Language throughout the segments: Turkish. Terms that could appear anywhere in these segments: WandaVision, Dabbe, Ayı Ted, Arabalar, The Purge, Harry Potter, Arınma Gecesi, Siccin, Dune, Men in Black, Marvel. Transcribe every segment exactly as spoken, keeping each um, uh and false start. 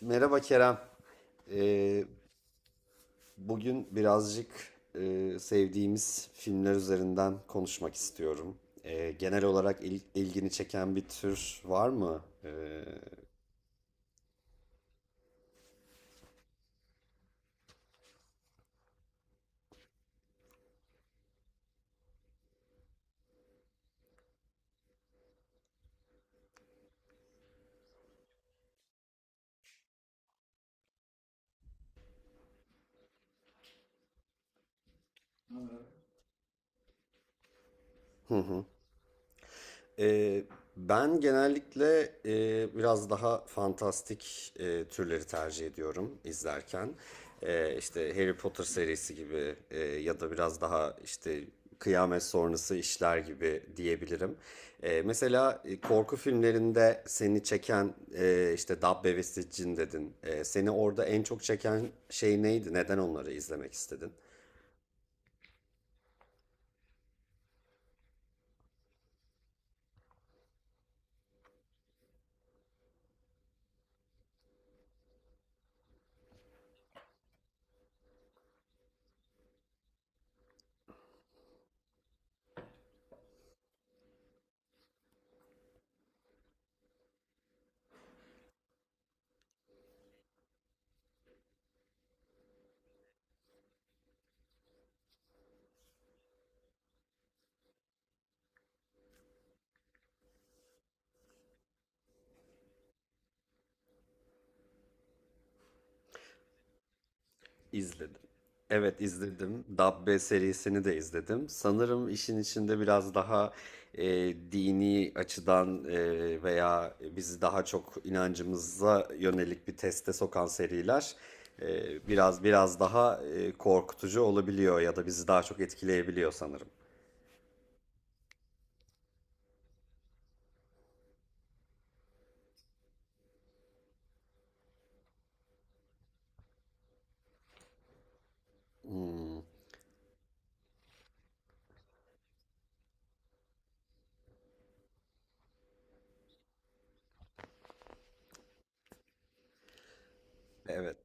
Merhaba Kerem. Ee, Bugün birazcık e, sevdiğimiz filmler üzerinden konuşmak istiyorum. Ee, genel olarak il- ilgini çeken bir tür var mı? Ee, Eee, Ben genellikle eee, biraz daha fantastik eee, türleri tercih ediyorum izlerken. Eee işte Harry Potter serisi gibi eee, ya da biraz daha işte kıyamet sonrası işler gibi diyebilirim. Eee, mesela e, korku filmlerinde seni çeken eee, işte Dabbe ve Siccin dedin. Eee, seni orada en çok çeken şey neydi? Neden onları izlemek istedin? İzledim. Evet, izledim. Dabbe serisini de izledim. Sanırım işin içinde biraz daha e, dini açıdan e, veya bizi daha çok inancımıza yönelik bir teste sokan seriler e, biraz biraz daha e, korkutucu olabiliyor ya da bizi daha çok etkileyebiliyor sanırım. Evet.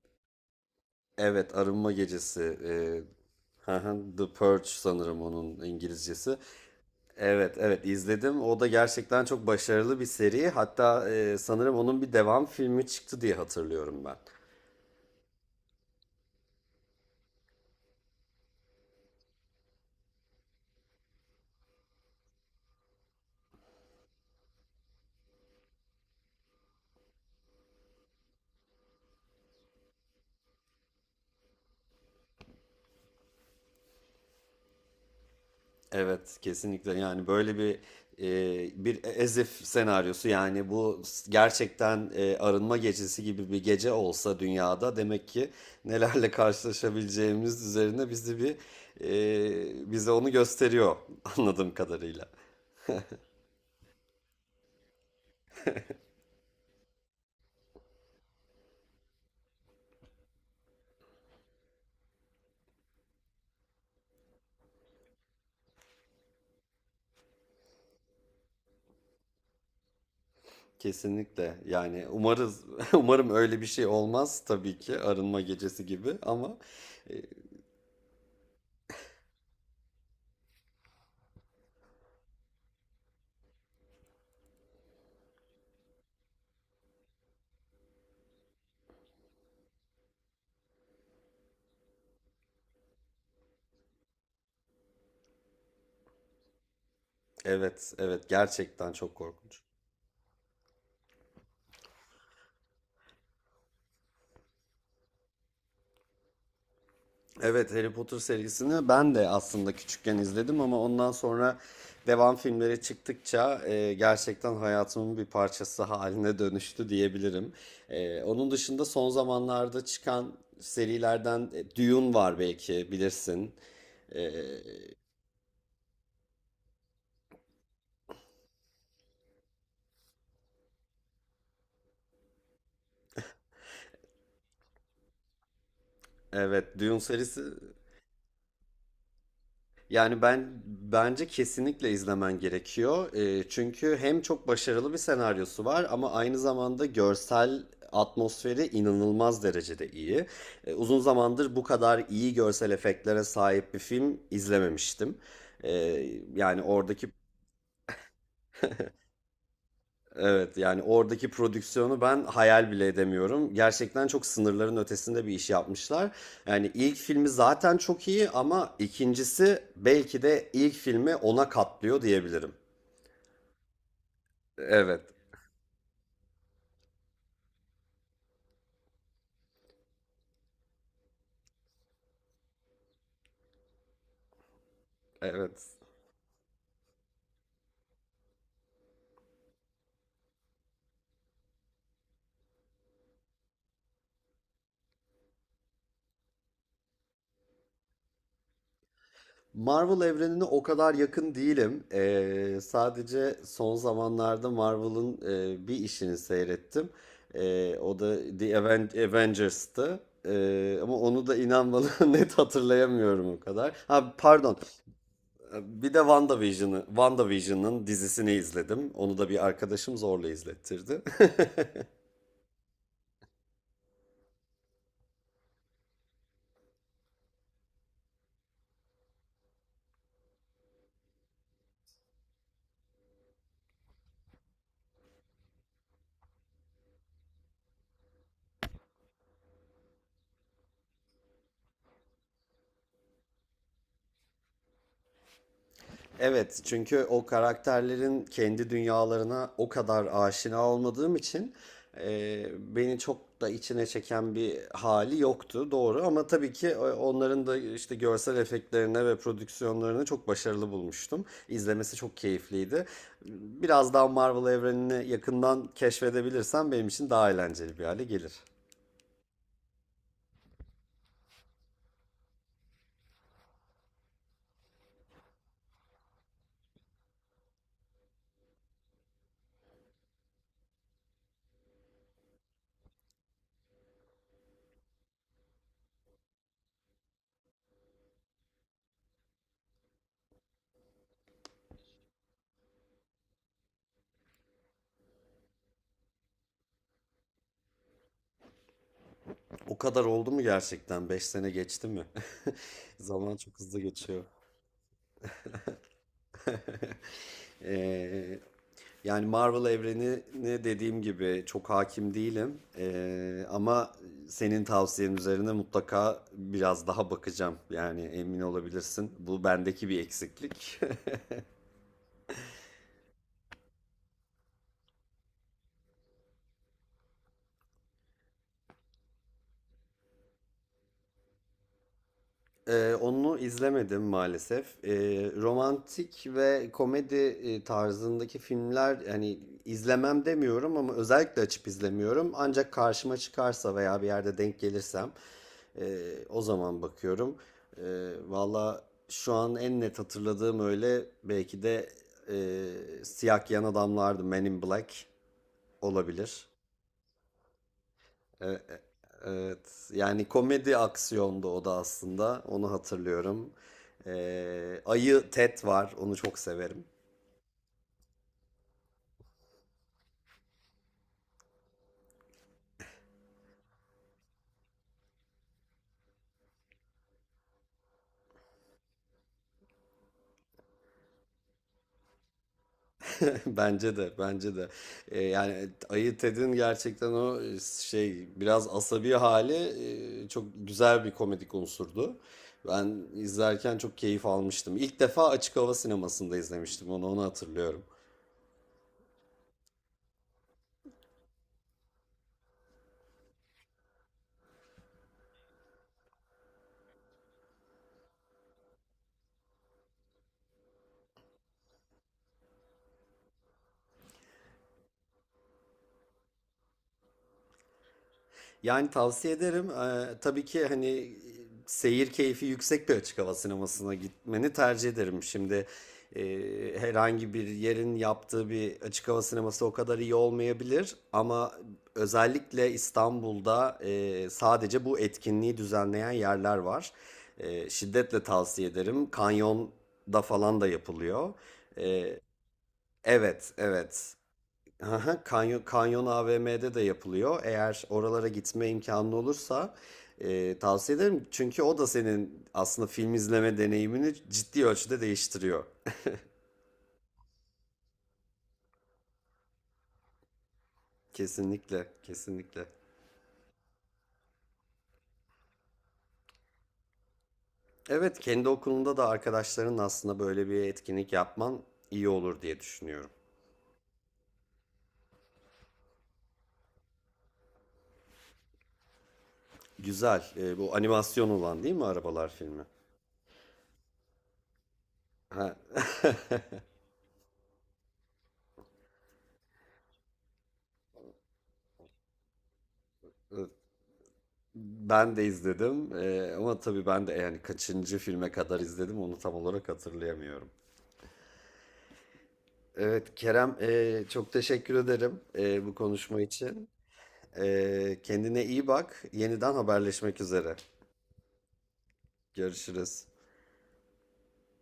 Evet, Arınma Gecesi. E, hı hı, The Purge sanırım onun İngilizcesi. Evet, evet, izledim. O da gerçekten çok başarılı bir seri. Hatta e, sanırım onun bir devam filmi çıktı diye hatırlıyorum ben. Evet, kesinlikle. Yani böyle bir e, bir Ezif senaryosu, yani bu s- gerçekten e, arınma gecesi gibi bir gece olsa dünyada demek ki nelerle karşılaşabileceğimiz üzerine bizi bir e, bize onu gösteriyor anladığım kadarıyla. Kesinlikle. Yani umarız umarım öyle bir şey olmaz tabii ki arınma gecesi gibi, ama e, evet, evet, gerçekten çok korkunç. Evet, Harry Potter serisini ben de aslında küçükken izledim, ama ondan sonra devam filmleri çıktıkça e, gerçekten hayatımın bir parçası haline dönüştü diyebilirim. E, onun dışında son zamanlarda çıkan serilerden e, Dune var, belki bilirsin. Evet, Dune serisi. Yani ben, bence kesinlikle izlemen gerekiyor. Ee, çünkü hem çok başarılı bir senaryosu var ama aynı zamanda görsel atmosferi inanılmaz derecede iyi. Ee, uzun zamandır bu kadar iyi görsel efektlere sahip bir film izlememiştim. Ee, yani oradaki Evet, yani oradaki prodüksiyonu ben hayal bile edemiyorum. Gerçekten çok sınırların ötesinde bir iş yapmışlar. Yani ilk filmi zaten çok iyi ama ikincisi belki de ilk filmi ona katlıyor diyebilirim. Evet, evet. Marvel evrenine o kadar yakın değilim. Ee, sadece son zamanlarda Marvel'ın e, bir işini seyrettim. Ee, o da The Aven- Avengers'tı. Ee, ama onu da inan bana net hatırlayamıyorum o kadar. Ha, pardon. Bir de WandaVision'ı, WandaVision'ın dizisini izledim. Onu da bir arkadaşım zorla izlettirdi. Evet, çünkü o karakterlerin kendi dünyalarına o kadar aşina olmadığım için e, beni çok da içine çeken bir hali yoktu, doğru. Ama tabii ki e, onların da işte görsel efektlerine ve prodüksiyonlarını çok başarılı bulmuştum. İzlemesi çok keyifliydi. Biraz daha Marvel evrenini yakından keşfedebilirsem benim için daha eğlenceli bir hale gelir. O kadar oldu mu gerçekten? Beş sene geçti mi? Zaman çok hızlı geçiyor. Ee, Yani Marvel evrenine dediğim gibi çok hakim değilim. Ee, ama senin tavsiyen üzerine mutlaka biraz daha bakacağım. Yani emin olabilirsin. Bu bendeki bir eksiklik. Eee, onu izlemedim maalesef. Eee, romantik ve komedi e, tarzındaki filmler, yani izlemem demiyorum, ama özellikle açıp izlemiyorum. Ancak karşıma çıkarsa veya bir yerde denk gelirsem eee, o zaman bakıyorum. Eee valla şu an en net hatırladığım öyle belki de eee Siyah Giyen Adamlardı. Men in Black olabilir. Ee, Evet. Yani komedi aksiyondu o da aslında. Onu hatırlıyorum. Ee, Ayı Ted var. Onu çok severim. Bence de. Bence de. Ee, yani Ayı Ted'in gerçekten o e, şey biraz asabi hali e, çok güzel bir komedik unsurdu. Ben izlerken çok keyif almıştım. İlk defa açık hava sinemasında izlemiştim onu. Onu hatırlıyorum. Yani tavsiye ederim. Eee, tabii ki hani e, seyir keyfi yüksek bir açık hava sinemasına gitmeni tercih ederim. Şimdi e, herhangi bir yerin yaptığı bir açık hava sineması o kadar iyi olmayabilir, ama özellikle İstanbul'da e, sadece bu etkinliği düzenleyen yerler var. E, şiddetle tavsiye ederim. Kanyonda falan da yapılıyor. Evet, evet. Aha, Kanyon, Kanyon A V M'de de yapılıyor. Eğer oralara gitme imkanı olursa e, tavsiye ederim. Çünkü o da senin aslında film izleme deneyimini ciddi ölçüde değiştiriyor. Kesinlikle, kesinlikle. Evet, kendi okulunda da arkadaşların aslında böyle bir etkinlik yapman iyi olur diye düşünüyorum. Güzel. E, bu animasyon olan değil mi Arabalar filmi? Ha. Ben de izledim. E, ama tabii ben de yani kaçıncı filme kadar izledim onu tam olarak hatırlayamıyorum. Evet Kerem, eee, çok teşekkür ederim eee, bu konuşma için. Eee, kendine iyi bak. Yeniden haberleşmek üzere. Görüşürüz.